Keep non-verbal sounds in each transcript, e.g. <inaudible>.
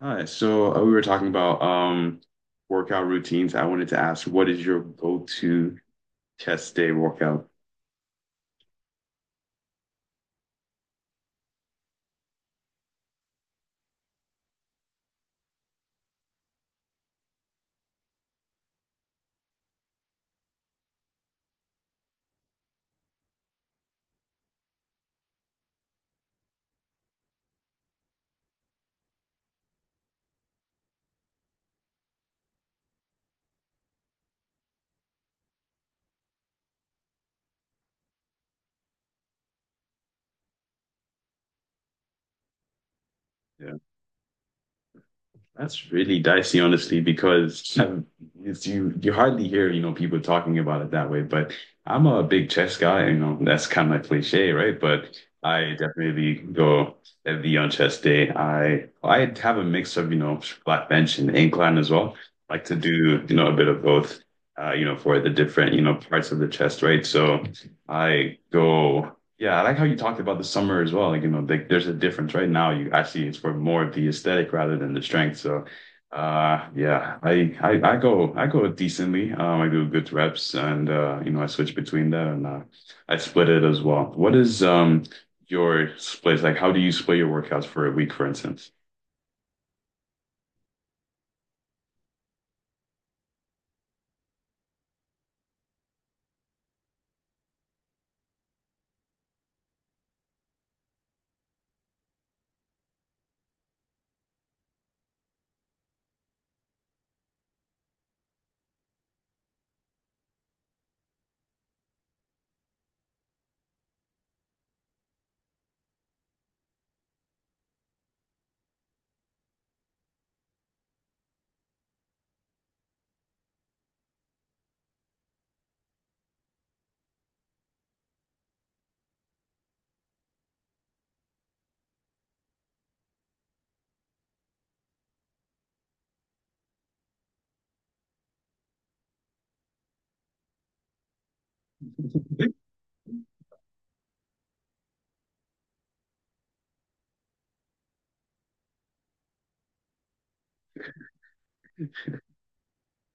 Hi. We were talking about workout routines. I wanted to ask, what is your go-to chest day workout? Yeah, that's really dicey, honestly, because <laughs> it's, you hardly hear people talking about it that way. But I'm a big chest guy. You know, that's kind of like cliche, right? But I definitely go heavy on chest day. I have a mix of flat bench and incline as well. Like to do a bit of both you know, for the different, you know, parts of the chest, right? So I go, yeah, I like how you talked about the summer as well. Like, you know, like there's a difference right now. You actually it's for more of the aesthetic rather than the strength. So, yeah, I go decently. I do good reps, and you know, I switch between that, and I split it as well. What is your splits like? How do you split your workouts for a week, for instance?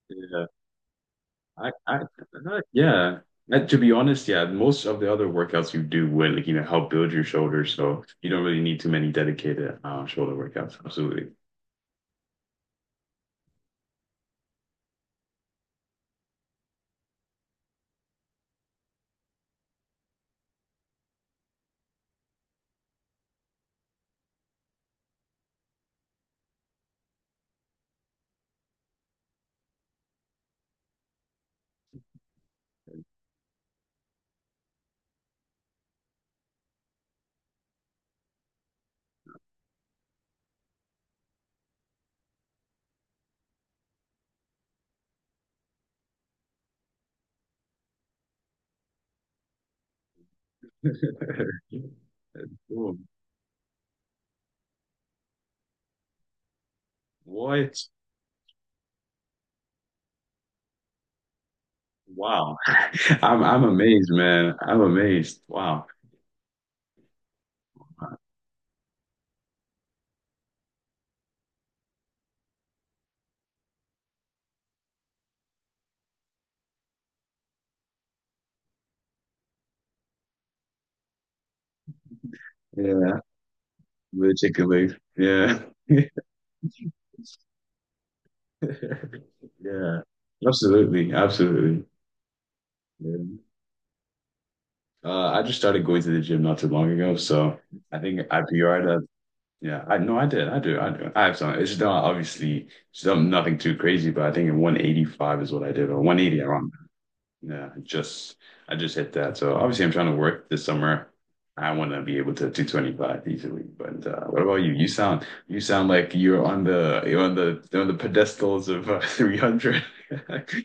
Yeah. I, I, yeah. And to be honest, yeah, most of the other workouts you do would like, you know, help build your shoulders, so you don't really need too many dedicated shoulder workouts. Absolutely. <laughs> Cool. What? Wow. <laughs> I'm amazed, man. I'm amazed. Wow. Yeah. The chicken legs. Yeah. <laughs> Yeah. Absolutely. Absolutely. Yeah. I just started going to the gym not too long ago, so I think I PR'd. Yeah, I no, I did. I do. I do. I have some. It's not obviously still nothing too crazy, but I think in 185 is what I did, or 180 around. Yeah, I just I just hit that. So obviously, I'm trying to work this summer. I want to be able to 225 easily. But what about you? You sound like you're on the on the pedestals of <laughs> 300. <laughs>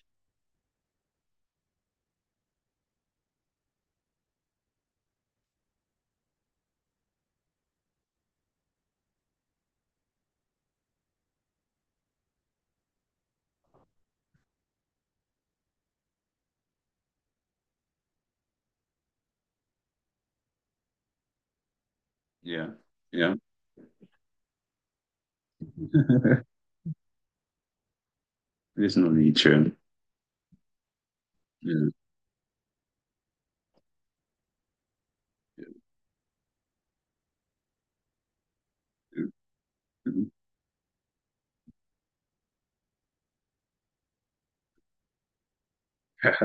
Yeah, yeah. <laughs> There's no need, true. Yeah. <laughs>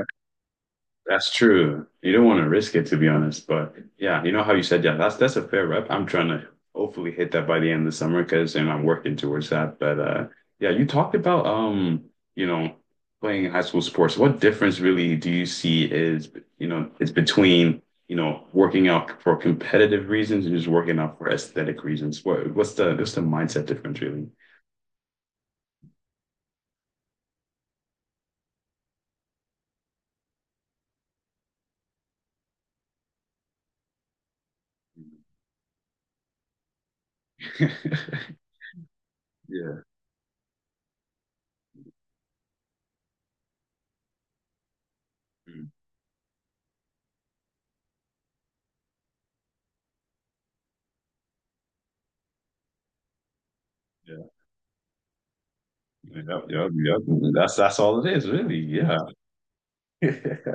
That's true. You don't want to risk it, to be honest. But yeah, you know how you said, yeah, that's a fair rep. I'm trying to hopefully hit that by the end of the summer because, and I'm working towards that. But yeah, you talked about you know, playing high school sports. What difference really do you see is, you know, is between, you know, working out for competitive reasons and just working out for aesthetic reasons? What's the mindset difference really? <laughs> Yeah. Mm, yeah. Yep, yep, yep. That's all it is, really. Yeah. <laughs>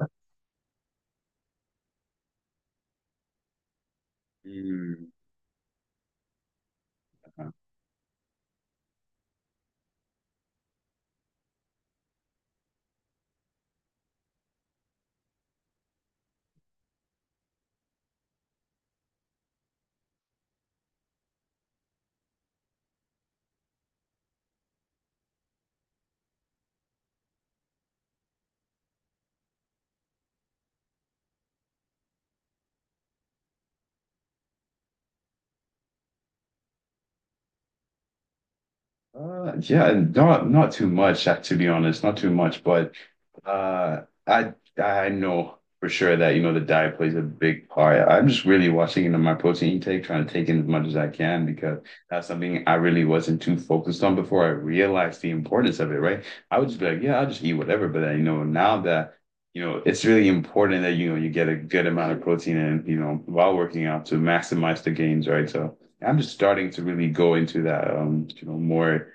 Mm. Yeah, not too much, to be honest, not too much. But Uh, I I know for sure that the diet plays a big part. I'm just really watching into my protein intake, trying to take in as much as I can because that's something I really wasn't too focused on before I realized the importance of it, right? I would just be like, yeah, I'll just eat whatever, but then, you know, now that you know, it's really important that you get a good amount of protein and while working out to maximize the gains, right? So I'm just starting to really go into that you know, more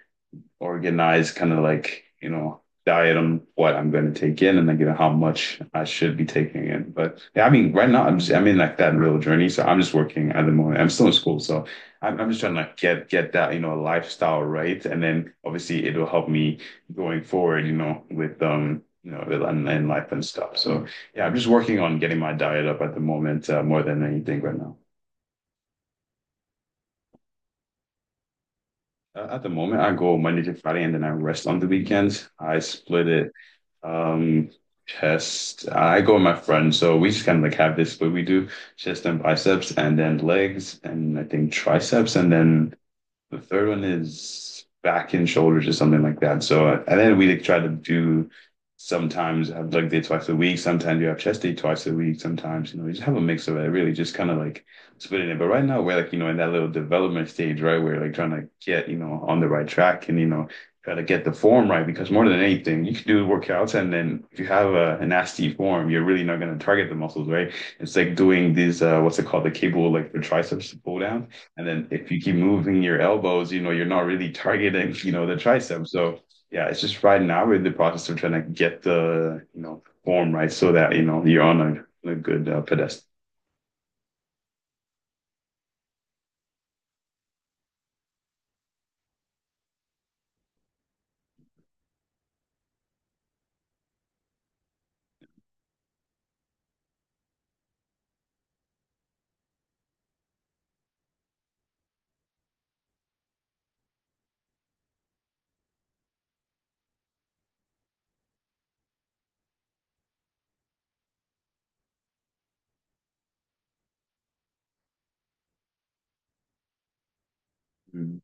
organized kind of like, you know, diet on what I'm going to take in and then, you know, how much I should be taking in. But yeah, I mean, right now I'm just, I'm in like that real journey. So I'm just working at the moment. I'm still in school. So I'm just trying to like get that, you know, lifestyle right. And then obviously it will help me going forward, you know, with, you know, and life and stuff. So yeah, I'm just working on getting my diet up at the moment, more than anything right now. At the moment, I go Monday to Friday and then I rest on the weekends. I split it Um, chest. I go with my friend, so we just kind of like have this, but we do chest and biceps, and then legs, and I think triceps, and then the third one is back and shoulders or something like that. So and then we like, try to do sometimes have leg day twice a week, sometimes you have chest day twice a week, sometimes you know, you just have a mix of it, really just kind of like splitting it. But right now we're like, you know, in that little development stage, right? We're like trying to get, you know, on the right track and you know, try to get the form right because more than anything, you can do workouts and then if you have a nasty form, you're really not gonna target the muscles, right? It's like doing these what's it called, the cable like the triceps pull down, and then if you keep moving your elbows, you know, you're not really targeting, you know, the tricep. So yeah, it's just right now we're in the process of trying to get the, you know, form right so that, you know, you're on a good pedestal. Mm.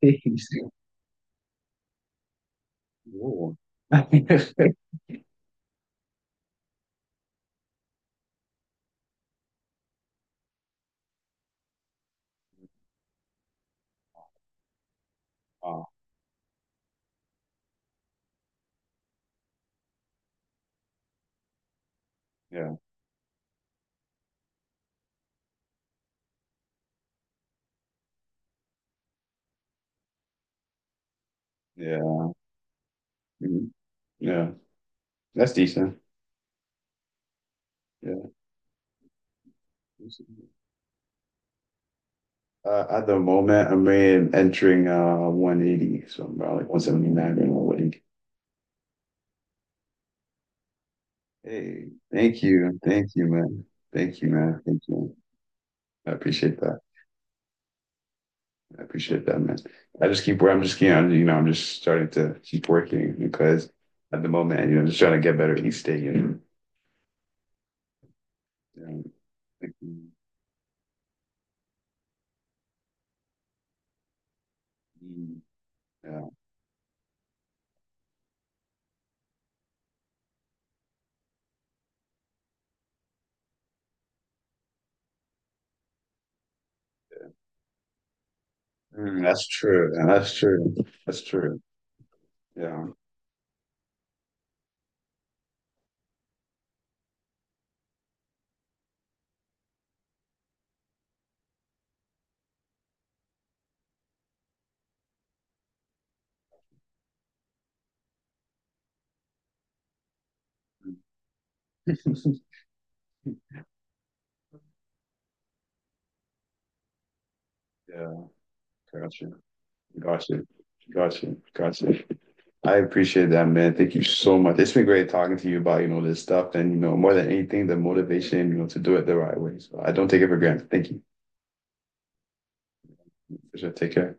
Jeez. Whoa. <laughs> Wow. Yeah. Yeah. Mhm. Yeah. That's decent. Yeah. At the moment, entering 180, so I'm about like 179 or 180. Hey, thank you, man. Thank you, man. Thank you. I appreciate that. I appreciate that, man. I'm just, you know, I'm just starting to keep working because at the moment, you know, just trying to get better each day, you know. Like, mm, yeah. Mm, that's true. And that's true. That's true. Yeah. <laughs> yeah. Gotcha. Gotcha. Gotcha. Gotcha. I appreciate that, man. Thank you so much. It's been great talking to you about, you know, this stuff and, you know, more than anything, the motivation, you know, to do it the right way. So I don't take it for granted. Thank you. For sure. Take care.